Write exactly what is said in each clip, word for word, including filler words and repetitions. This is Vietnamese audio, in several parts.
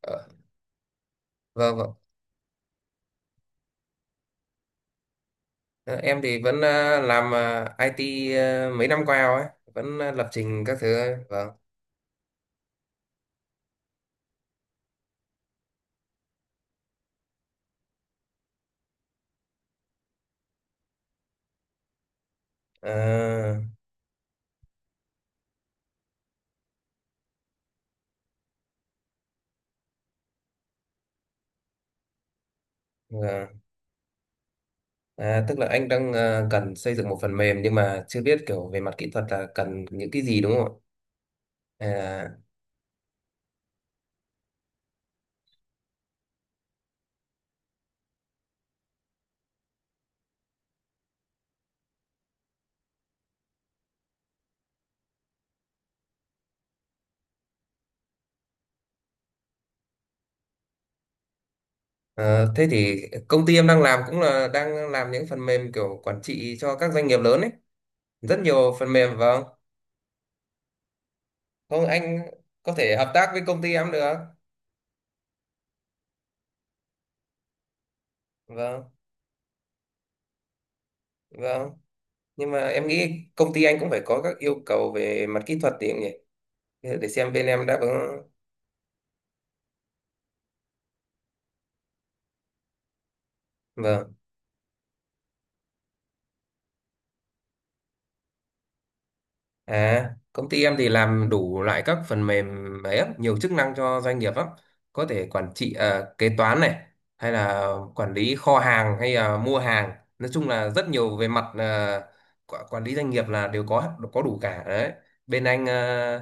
Ờ, vâng, vâng. Ờ, em thì vẫn ờ, làm ờ, i tê, ờ, mấy năm qua rồi ấy, vẫn ờ, lập trình các thứ ấy. Vâng. Ờ, vâng. À, tức là anh đang ờ, cần xây dựng một phần mềm, nhưng mà chưa biết kiểu về mặt kỹ thuật là cần những cái gì đúng không ạ? À, ờ, thế thì công ty em đang làm cũng là đang làm những phần mềm kiểu quản trị cho các doanh nghiệp lớn ấy, rất nhiều phần mềm. Vâng, không anh, có thể hợp tác với công ty em được. Vâng, vâng, nhưng mà em nghĩ công ty anh cũng phải có các yêu cầu về mặt kỹ thuật thì cũng nhỉ, để để xem bên em đáp ứng. Vâng. À, công ty em thì làm đủ loại các phần mềm ấy á, nhiều chức năng cho doanh nghiệp lắm. Có thể quản trị, à, kế toán này, hay là quản lý kho hàng hay là mua hàng, nói chung là rất nhiều về mặt, à, quả- quản lý doanh nghiệp là đều có có đủ cả đấy. Bên anh à,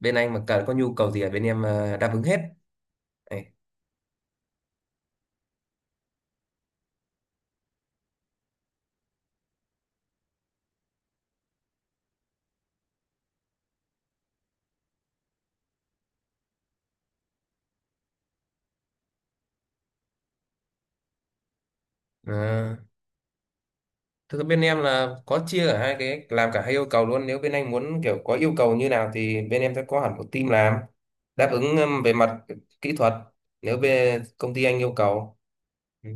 bên anh mà cần có nhu cầu gì ở bên em, à, đáp ứng hết. Đấy. Ờ. Thực ra bên em là có chia cả hai cái, làm cả hai yêu cầu luôn, nếu bên anh muốn kiểu có yêu cầu như nào thì bên em sẽ có hẳn một team làm đáp ứng, um, về mặt kỹ thuật, nếu bên công ty anh yêu cầu. Ừ.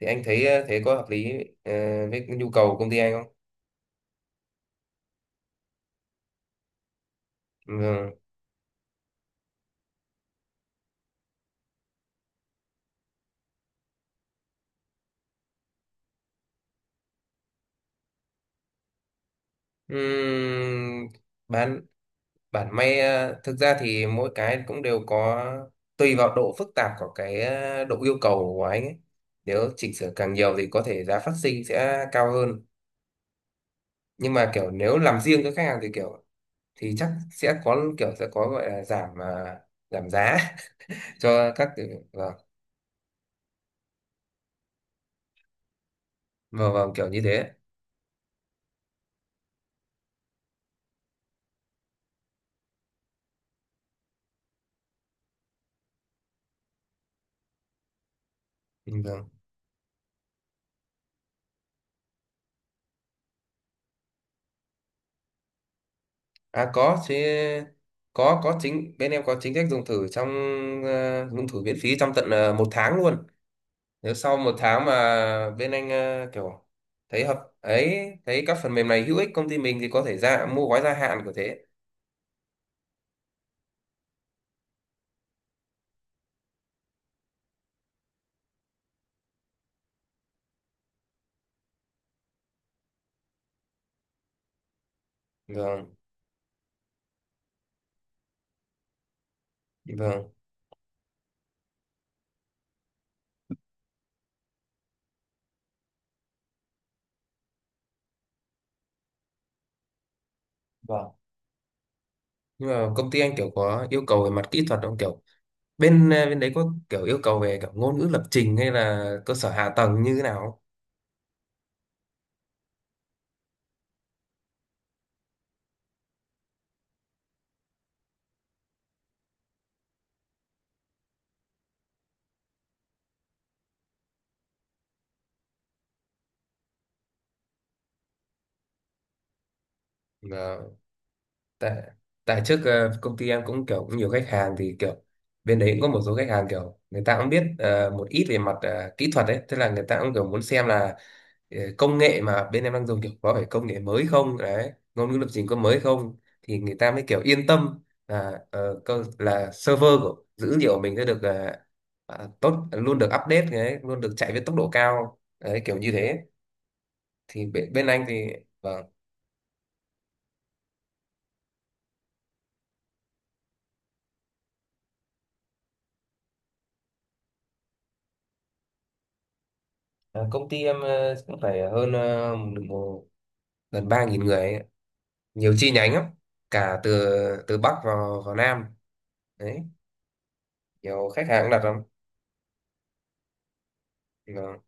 Thì anh thấy, ờ, thế có hợp lý, ờ, với cái nhu cầu của công ty anh không? Ừ. Ừm, bản bản may, ờ, thực ra thì mỗi cái cũng đều có, tùy vào độ phức tạp của cái, ờ, độ yêu cầu của anh ấy. Nếu chỉnh sửa càng nhiều thì có thể giá phát sinh sẽ cao hơn, nhưng mà kiểu nếu làm riêng cho khách hàng thì kiểu thì chắc sẽ có kiểu sẽ có gọi là giảm, à, giảm giá cho các cái-. Vâng, vâng, vâng, kiểu như thế. Ừ, vâng. À, có chứ, có có chính bên em có chính sách dùng thử trong, ờ, dùng thử miễn phí trong tận ờ, một tháng luôn. Nếu sau một tháng mà bên anh, ờ, kiểu thấy hợp ấy, thấy các phần mềm này hữu ích công ty mình thì có thể ra mua gói gia hạn của thế. Vâng, vâng, vâng, nhưng mà công ty anh kiểu có yêu cầu về mặt kỹ thuật không kiểu, bên ờ, bên đấy có kiểu yêu cầu về kiểu ngôn ngữ lập trình hay là cơ sở hạ tầng như thế nào không? Ờ, tại tại trước, ờ, công ty em cũng kiểu cũng nhiều khách hàng thì kiểu bên đấy cũng có một số khách hàng kiểu người ta cũng biết ờ, một ít về mặt, ờ, kỹ thuật đấy, tức là người ta cũng kiểu muốn xem là, ờ, công nghệ mà bên em đang dùng kiểu có phải công nghệ mới không đấy, ngôn ngữ lập trình có mới không, thì người ta mới kiểu yên tâm là, ờ, cơ- là server của dữ liệu của mình sẽ được, ờ, ờ, tốt luôn, được update đấy, luôn được chạy với tốc độ cao đấy, kiểu như thế. Thì bên, bên anh thì, vâng. ờ, Công ty em, ờ, cũng phải hơn, ờ, một- một- gần ba nghìn người ấy. Nhiều chi nhánh lắm, cả từ, từ Bắc vào, vào Nam đấy, nhiều khách hàng cũng đặt lắm. Vâng.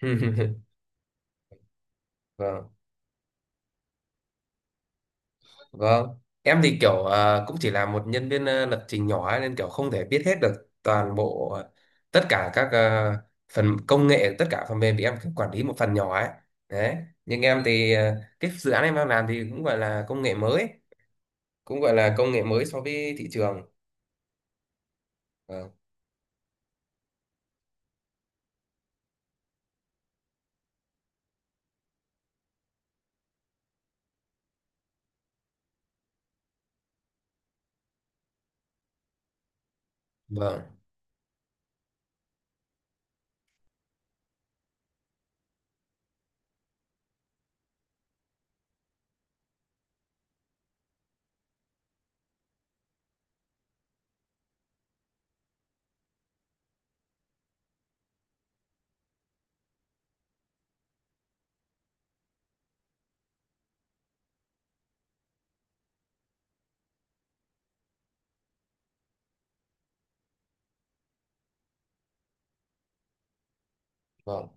Vâng. Vâng, em thì kiểu, ờ, cũng chỉ là một nhân viên, ờ, lập trình nhỏ ấy, nên kiểu không thể biết hết được toàn bộ, ờ, tất cả các, ờ, phần công nghệ, tất cả phần mềm, thì em cũng quản lý một phần nhỏ ấy. Đấy, nhưng em thì, ờ, cái dự án em đang làm thì cũng gọi là công nghệ mới, cũng gọi là công nghệ mới so với thị trường. Vâng, vâng, vâng.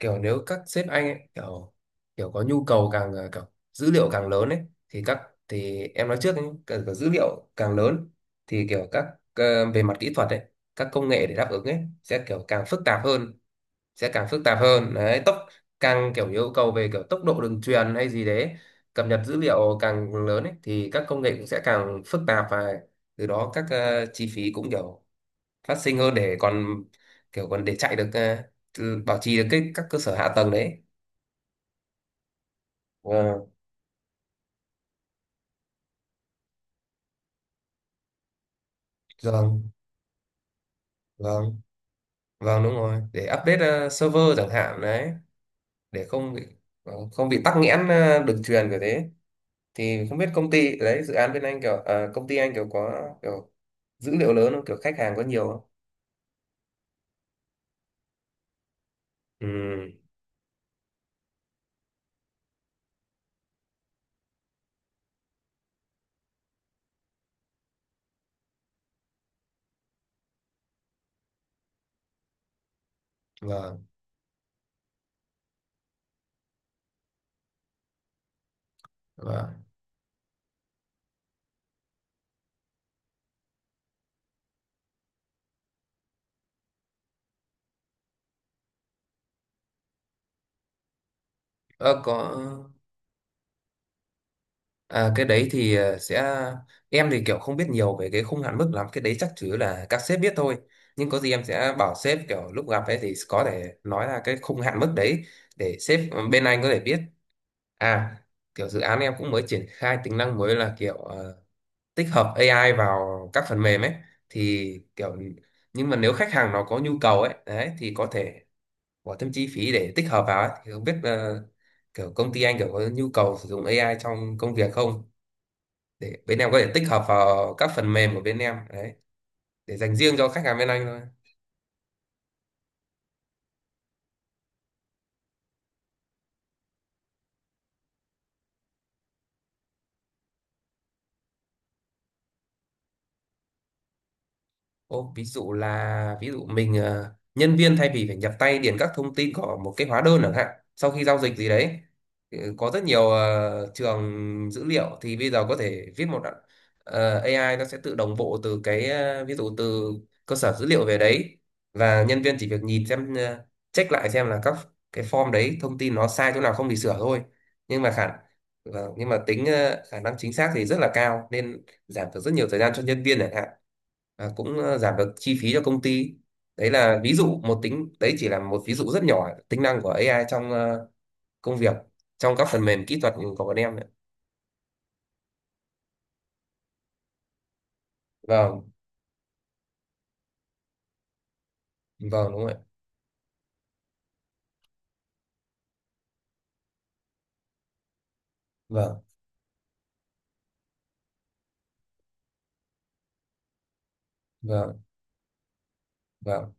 Kiểu nếu các sếp anh ấy, kiểu kiểu có nhu cầu càng, ờ, kiểu dữ liệu càng lớn ấy, thì các, thì em nói trước ấy, kiểu, kiểu dữ liệu càng lớn, thì kiểu các, ờ, về mặt kỹ thuật ấy, các công nghệ để đáp ứng ấy sẽ kiểu càng phức tạp hơn, sẽ càng phức tạp hơn đấy, tốc càng kiểu yêu cầu về kiểu tốc độ đường truyền hay gì đấy, cập nhật dữ liệu càng lớn ấy thì các công nghệ cũng sẽ càng phức tạp, và từ đó các, ờ, chi phí cũng kiểu phát sinh hơn, để còn kiểu còn để chạy được, à, ừ, bảo trì được cái các cơ sở hạ tầng đấy. Ờ, vâng, vâng, vâng đúng rồi, để update, à, server chẳng hạn đấy, để không bị, ờ, không bị tắc nghẽn, à, đường truyền kiểu thế, thì không biết công ty đấy dự án bên anh kiểu, à, công ty anh kiểu có kiểu dữ liệu lớn không, kiểu khách hàng có nhiều không. Ừ, vâng, vâng. Ờ, có. À, cái đấy thì, ờ, sẽ, em thì kiểu không biết nhiều về cái khung hạn mức lắm, cái đấy chắc chủ yếu là các sếp biết thôi, nhưng có gì em sẽ bảo sếp kiểu lúc gặp ấy thì có thể nói là cái khung hạn mức đấy, để sếp, ờ, bên anh có thể biết. À, kiểu dự án em cũng mới triển khai tính năng mới là kiểu, ờ, tích hợp a i vào các phần mềm ấy, thì kiểu, nhưng mà nếu khách hàng nó có nhu cầu ấy đấy thì có thể bỏ thêm chi phí để tích hợp vào ấy, thì không biết, ờ, kiểu công ty anh kiểu có nhu cầu sử dụng a i trong công việc không, để bên em có thể tích hợp vào các phần mềm của bên em đấy, để dành riêng cho khách hàng bên anh thôi. Ô, ví dụ là ví dụ mình, ờ, nhân viên thay vì phải nhập tay điền các thông tin của một cái hóa đơn chẳng hạn sau khi giao dịch gì đấy, ừ, có rất nhiều, ờ, trường dữ liệu, thì bây giờ có thể viết một đoạn-, ờ, a i nó sẽ tự đồng bộ từ cái, ờ, ví dụ từ cơ sở dữ liệu về đấy, và nhân viên chỉ việc nhìn xem, ờ, check lại xem là các cái form đấy thông tin nó sai chỗ nào không thì sửa thôi, nhưng mà khả, vâng, nhưng mà tính, ờ, khả năng chính xác thì rất là cao nên giảm được rất nhiều thời gian cho nhân viên chẳng hạn, à, cũng, ờ, giảm được chi phí cho công ty. Đấy là ví dụ một tính đấy, chỉ là một ví dụ rất nhỏ, tính năng của a i trong, ờ, công việc, trong các phần mềm kỹ thuật của bọn em đấy. Vâng, vâng đúng rồi. Vâng, vâng, vâng,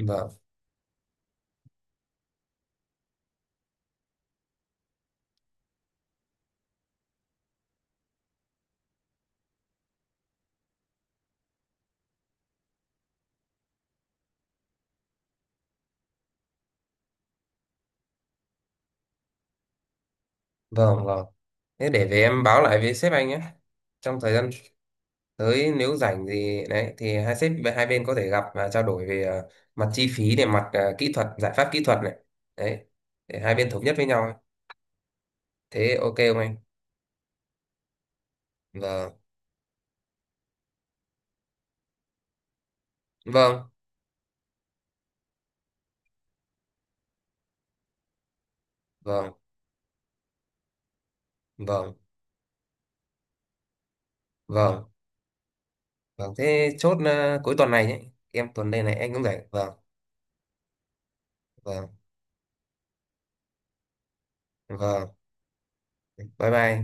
vâng, vâng, vâng, thế để về em báo lại với sếp anh nhé, trong thời gian tới nếu rảnh gì đấy thì hai sếp hai bên có thể gặp và trao đổi về, ờ, mặt chi phí, để mặt, ờ, kỹ thuật, giải pháp kỹ thuật này đấy, để hai bên thống nhất với nhau, thế ok không anh. Vâng, vâng, vâng, vâng, vâng, vâng, thế chốt, ờ, cuối tuần này nhé, em tuần đây này anh cũng rảnh. Vâng, vâng, vâng, bye bye.